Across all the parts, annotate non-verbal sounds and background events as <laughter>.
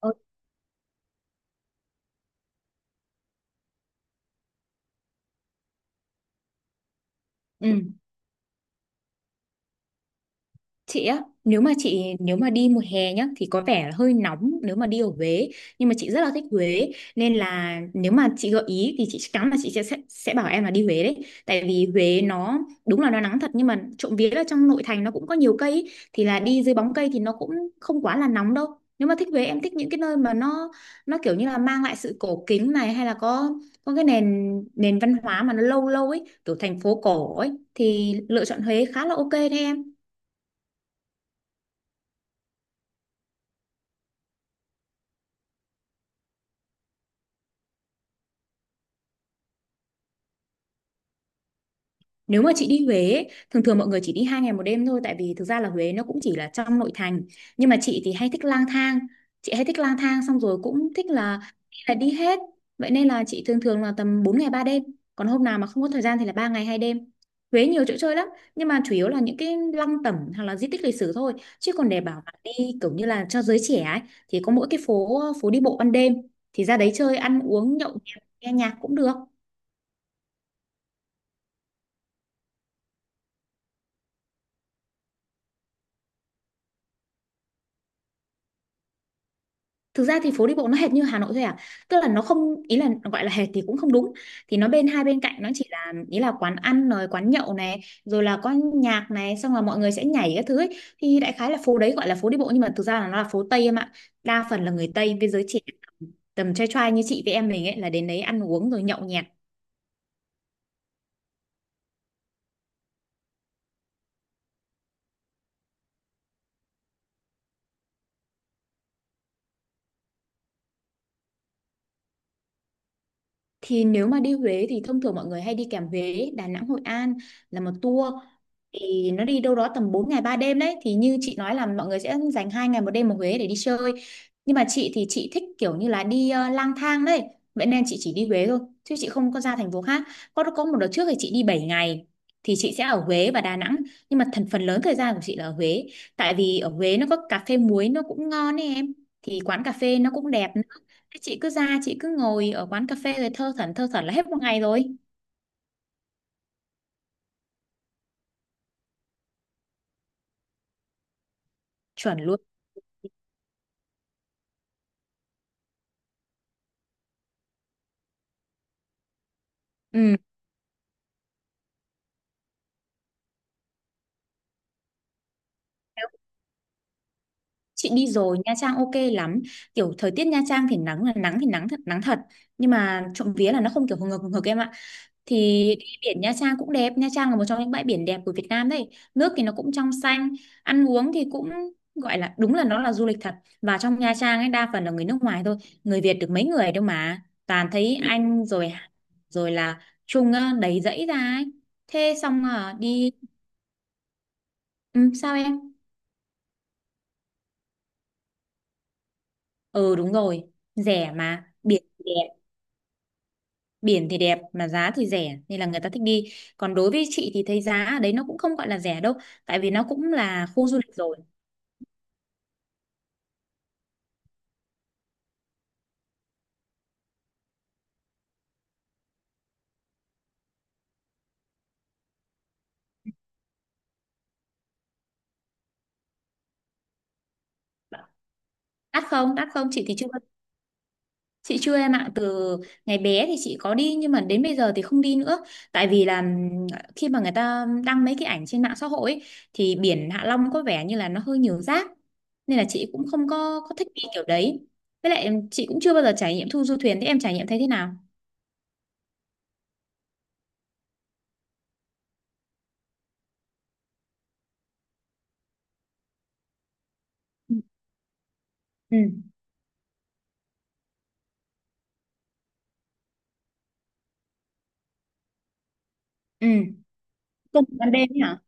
Ờ, ừ. Chị á, nếu mà đi mùa hè nhá thì có vẻ là hơi nóng nếu mà đi ở Huế, nhưng mà chị rất là thích Huế nên là nếu mà chị gợi ý thì chị chắc chắn là chị sẽ bảo em là đi Huế đấy. Tại vì Huế nó đúng là nó nắng thật nhưng mà trộm vía là trong nội thành nó cũng có nhiều cây ý. Thì là đi dưới bóng cây thì nó cũng không quá là nóng đâu. Nếu mà thích Huế, em thích những cái nơi mà nó kiểu như là mang lại sự cổ kính này, hay là có cái nền nền văn hóa mà nó lâu lâu ấy, kiểu thành phố cổ ấy, thì lựa chọn Huế khá là ok đấy em. Nếu mà chị đi Huế ấy, thường thường mọi người chỉ đi 2 ngày 1 đêm thôi, tại vì thực ra là Huế nó cũng chỉ là trong nội thành. Nhưng mà chị thì hay thích lang thang. Chị hay thích lang thang xong rồi cũng thích là đi hết. Vậy nên là chị thường thường là tầm 4 ngày 3 đêm. Còn hôm nào mà không có thời gian thì là 3 ngày 2 đêm. Huế nhiều chỗ chơi lắm, nhưng mà chủ yếu là những cái lăng tẩm hoặc là di tích lịch sử thôi. Chứ còn để bảo là đi kiểu như là cho giới trẻ ấy thì có mỗi cái phố phố đi bộ ban đêm, thì ra đấy chơi ăn uống nhậu nhẹt, nghe nhạc cũng được. Thực ra thì phố đi bộ nó hệt như Hà Nội thôi à, tức là nó không, ý là gọi là hệt thì cũng không đúng. Thì nó hai bên cạnh nó chỉ là, ý là quán ăn rồi quán nhậu này, rồi là có nhạc này, xong là mọi người sẽ nhảy các thứ ấy. Thì đại khái là phố đấy gọi là phố đi bộ nhưng mà thực ra là nó là phố Tây em ạ, đa phần là người Tây với giới trẻ, tầm trai trai như chị với em mình ấy, là đến đấy ăn uống rồi nhậu nhẹt. Thì nếu mà đi Huế thì thông thường mọi người hay đi kèm Huế, Đà Nẵng, Hội An là một tour. Thì nó đi đâu đó tầm 4 ngày 3 đêm đấy. Thì như chị nói là mọi người sẽ dành 2 ngày 1 đêm ở Huế để đi chơi. Nhưng mà chị thì chị thích kiểu như là đi, lang thang đấy. Vậy nên chị chỉ đi Huế thôi. Chứ chị không có ra thành phố khác. Có một đợt trước thì chị đi 7 ngày. Thì chị sẽ ở Huế và Đà Nẵng. Nhưng mà phần lớn thời gian của chị là ở Huế. Tại vì ở Huế nó có cà phê muối nó cũng ngon ấy em. Thì quán cà phê nó cũng đẹp, chị cứ ra chị cứ ngồi ở quán cà phê rồi thơ thẩn là hết một ngày rồi. Chuẩn luôn. Ừ. Nếu chị đi rồi, Nha Trang ok lắm, kiểu thời tiết Nha Trang thì nắng là nắng, thì nắng thật nắng thật, nhưng mà trộm vía là nó không kiểu hừng hực em ạ. Thì đi biển Nha Trang cũng đẹp. Nha Trang là một trong những bãi biển đẹp của Việt Nam đấy. Nước thì nó cũng trong xanh. Ăn uống thì cũng gọi là, đúng là nó là du lịch thật. Và trong Nha Trang ấy đa phần là người nước ngoài thôi, người Việt được mấy người đâu mà toàn thấy Anh rồi rồi là Trung á, đầy dãy ra ấy. Thế xong à, đi. Ừ, sao em. Ừ, đúng rồi, rẻ mà biển thì đẹp. Biển thì đẹp mà giá thì rẻ nên là người ta thích đi, còn đối với chị thì thấy giá ở đấy nó cũng không gọi là rẻ đâu, tại vì nó cũng là khu du lịch rồi. Đắt không, đắt không, chị thì chưa. Chị chưa em ạ, từ ngày bé thì chị có đi nhưng mà đến bây giờ thì không đi nữa. Tại vì là, khi mà người ta đăng mấy cái ảnh trên mạng xã hội ấy, thì biển Hạ Long có vẻ như là nó hơi nhiều rác, nên là chị cũng không có thích đi kiểu đấy. Với lại chị cũng chưa bao giờ trải nghiệm thu du thuyền, thế em trải nghiệm thấy thế nào? Ừ. Ừ. Ừ. Công việc ban đêm ấy hả?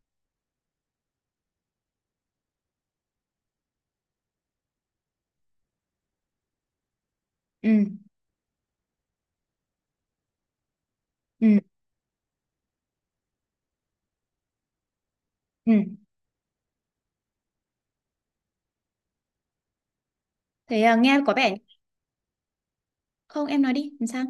Ừ. Ừ. Ừ. Thế à, nghe có vẻ. Không, em nói đi làm sao.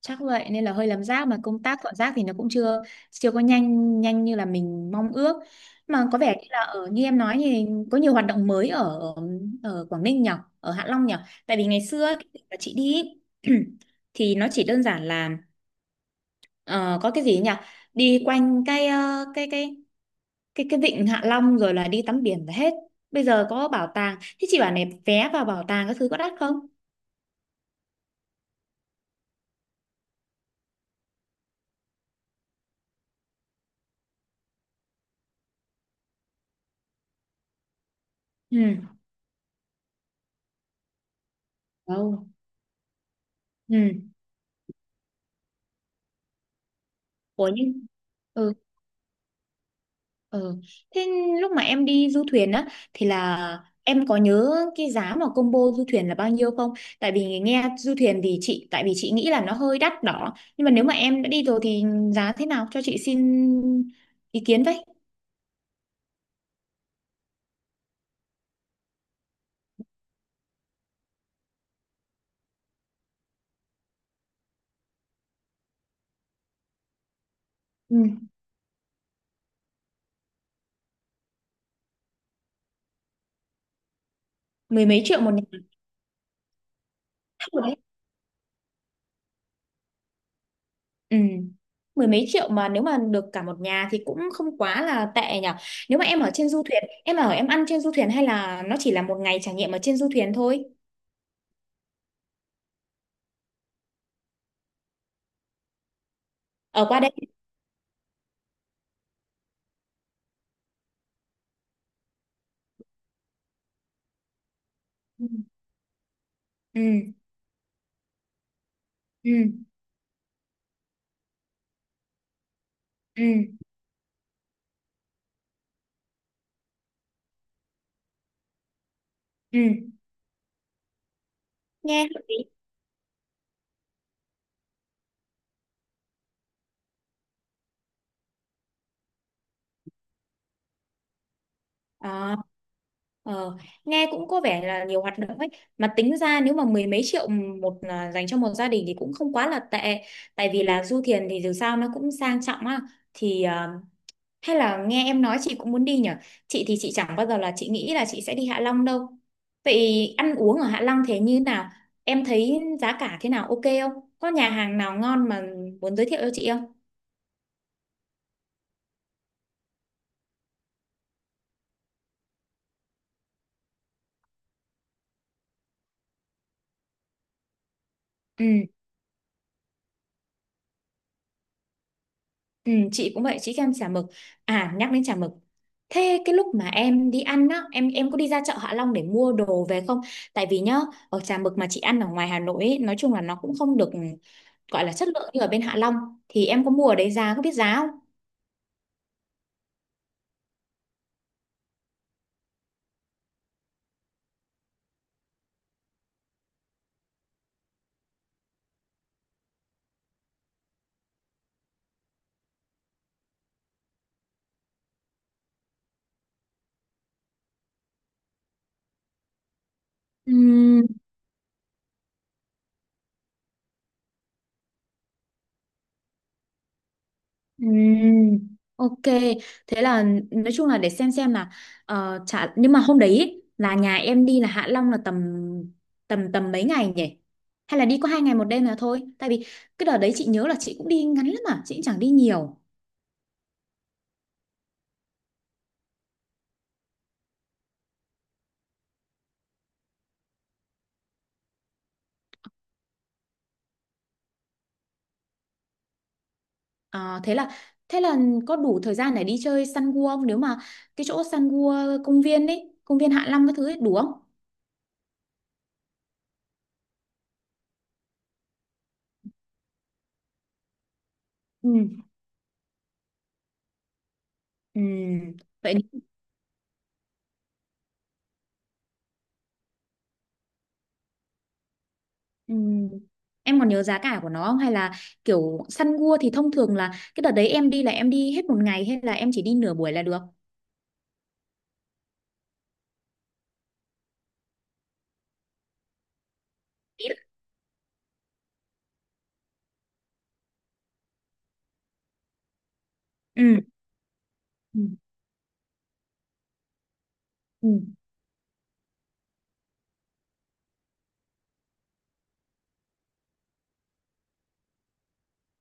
Chắc vậy nên là hơi lấm rác, mà công tác dọn rác thì nó cũng chưa chưa có nhanh nhanh như là mình mong ước. Mà có vẻ như là ở, như em nói, thì có nhiều hoạt động mới ở ở Quảng Ninh nhỉ, ở Hạ Long nhỉ. Tại vì ngày xưa cái dịp mà chị đi ý, <clears throat> thì nó chỉ đơn giản là, ờ, có cái gì ấy nhỉ, đi quanh cái ờ, cái vịnh Hạ Long rồi là đi tắm biển là hết. Bây giờ có bảo tàng, thế chị bảo này, vé vào bảo tàng các thứ có đắt không? Ừ. Đâu. Ừ. Ủa nhưng. Ừ. Ừ. Thế lúc mà em đi du thuyền á, thì là em có nhớ cái giá mà combo du thuyền là bao nhiêu không? Tại vì nghe du thuyền thì chị, tại vì chị nghĩ là nó hơi đắt đỏ. Nhưng mà nếu mà em đã đi rồi thì giá thế nào, cho chị xin ý kiến với. Ừ. Mười mấy triệu một nhà? Đắt rồi đấy. Ừ. Mười mấy triệu mà nếu mà được cả một nhà thì cũng không quá là tệ nhỉ. Nếu mà em ở trên du thuyền, em ở, em ăn trên du thuyền hay là nó chỉ là một ngày trải nghiệm ở trên du thuyền thôi? Ở qua đây. Ừ. Ừ. Ừ. Ừ. Ừ. Nghe hợp lý. À, ờ, nghe cũng có vẻ là nhiều hoạt động ấy, mà tính ra nếu mà mười mấy triệu một, à, dành cho một gia đình thì cũng không quá là tệ, tại vì là du thuyền thì dù sao nó cũng sang trọng á. Thì à, hay là nghe em nói chị cũng muốn đi nhở. Chị thì chị chẳng bao giờ là chị nghĩ là chị sẽ đi Hạ Long đâu. Vậy ăn uống ở Hạ Long thế như nào, em thấy giá cả thế nào, ok không, có nhà hàng nào ngon mà muốn giới thiệu cho chị không? Ừ. Ừ, chị cũng vậy, chị thích ăn chả mực. À, nhắc đến chả mực, thế cái lúc mà em đi ăn á, em có đi ra chợ Hạ Long để mua đồ về không? Tại vì nhá, ở chả mực mà chị ăn ở ngoài Hà Nội ấy, nói chung là nó cũng không được gọi là chất lượng như ở bên Hạ Long. Thì em có mua ở đấy giá, có biết giá không? Ừm, ok, thế là nói chung là để xem là, chả, nhưng mà hôm đấy ý, là nhà em đi là Hạ Long là tầm tầm tầm mấy ngày nhỉ? Hay là đi có 2 ngày 1 đêm là thôi? Tại vì cái đợt đấy chị nhớ là chị cũng đi ngắn lắm mà chị cũng chẳng đi nhiều. Ờ, thế là, thế là có đủ thời gian để đi chơi săn cua không, nếu mà cái chỗ săn cua công viên ấy, công viên Hạ Long cái thứ ấy đủ không? Ừ. Ừm, vậy. Ừ. Em còn nhớ giá cả của nó không? Hay là kiểu săn gua thì thông thường là cái đợt đấy em đi là em đi hết một ngày hay là em chỉ đi nửa buổi là được? Ừ. Ừ. Ừ.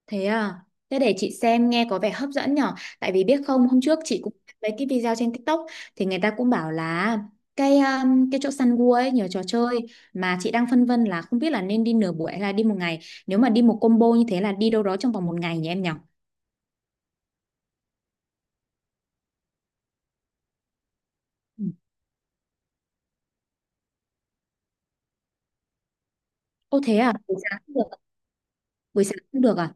Thế à? Thế để chị xem, nghe có vẻ hấp dẫn nhở. Tại vì biết không, hôm trước chị cũng thấy cái video trên TikTok, thì người ta cũng bảo là cái chỗ săn gua ấy nhiều trò chơi, mà chị đang phân vân là không biết là nên đi nửa buổi hay là đi một ngày. Nếu mà đi một combo như thế là đi đâu đó trong vòng một ngày nhỉ em nhở? Ừ. Ô thế à? Buổi sáng cũng được. Buổi sáng cũng được à?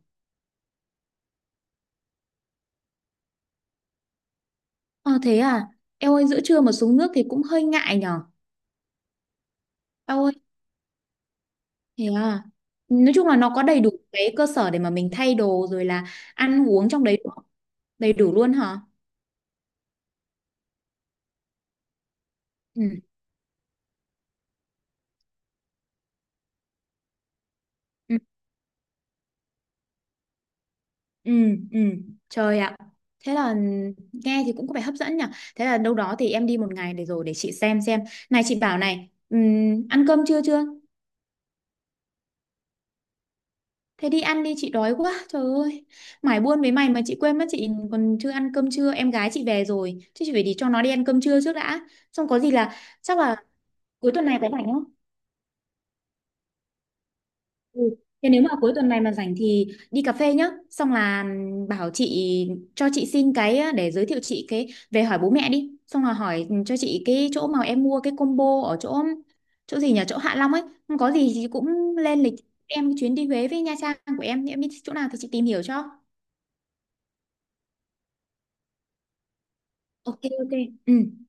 Ờ thế à, eo ơi giữa trưa mà xuống nước thì cũng hơi ngại nhở. Eo ơi, thế à. Nói chung là nó có đầy đủ cái cơ sở để mà mình thay đồ rồi là ăn uống trong đấy, đầy đủ luôn hả? Ừ, ừ, ừ, ừ. Trời ạ. Thế là nghe thì cũng có vẻ hấp dẫn nhở. Thế là đâu đó thì em đi một ngày, để rồi để chị xem xem. Này chị bảo này, ăn cơm trưa chưa? Thế đi ăn đi, chị đói quá trời ơi. Mải buôn với mày mà chị quên mất chị còn chưa ăn cơm trưa. Em gái chị về rồi, chứ chị phải đi cho nó đi ăn cơm trưa trước đã. Xong có gì là, chắc là cuối tuần này có rảnh không? Ừ. Thế nếu mà cuối tuần này mà rảnh thì đi cà phê nhá. Xong là, bảo chị cho chị xin cái á, để giới thiệu chị cái, về hỏi bố mẹ đi. Xong là hỏi cho chị cái chỗ mà em mua cái combo ở chỗ, chỗ gì nhỉ, chỗ Hạ Long ấy. Không có gì thì cũng lên lịch em chuyến đi Huế với Nha Trang của em. Em biết chỗ nào thì chị tìm hiểu cho. Ok, ok. Ừ.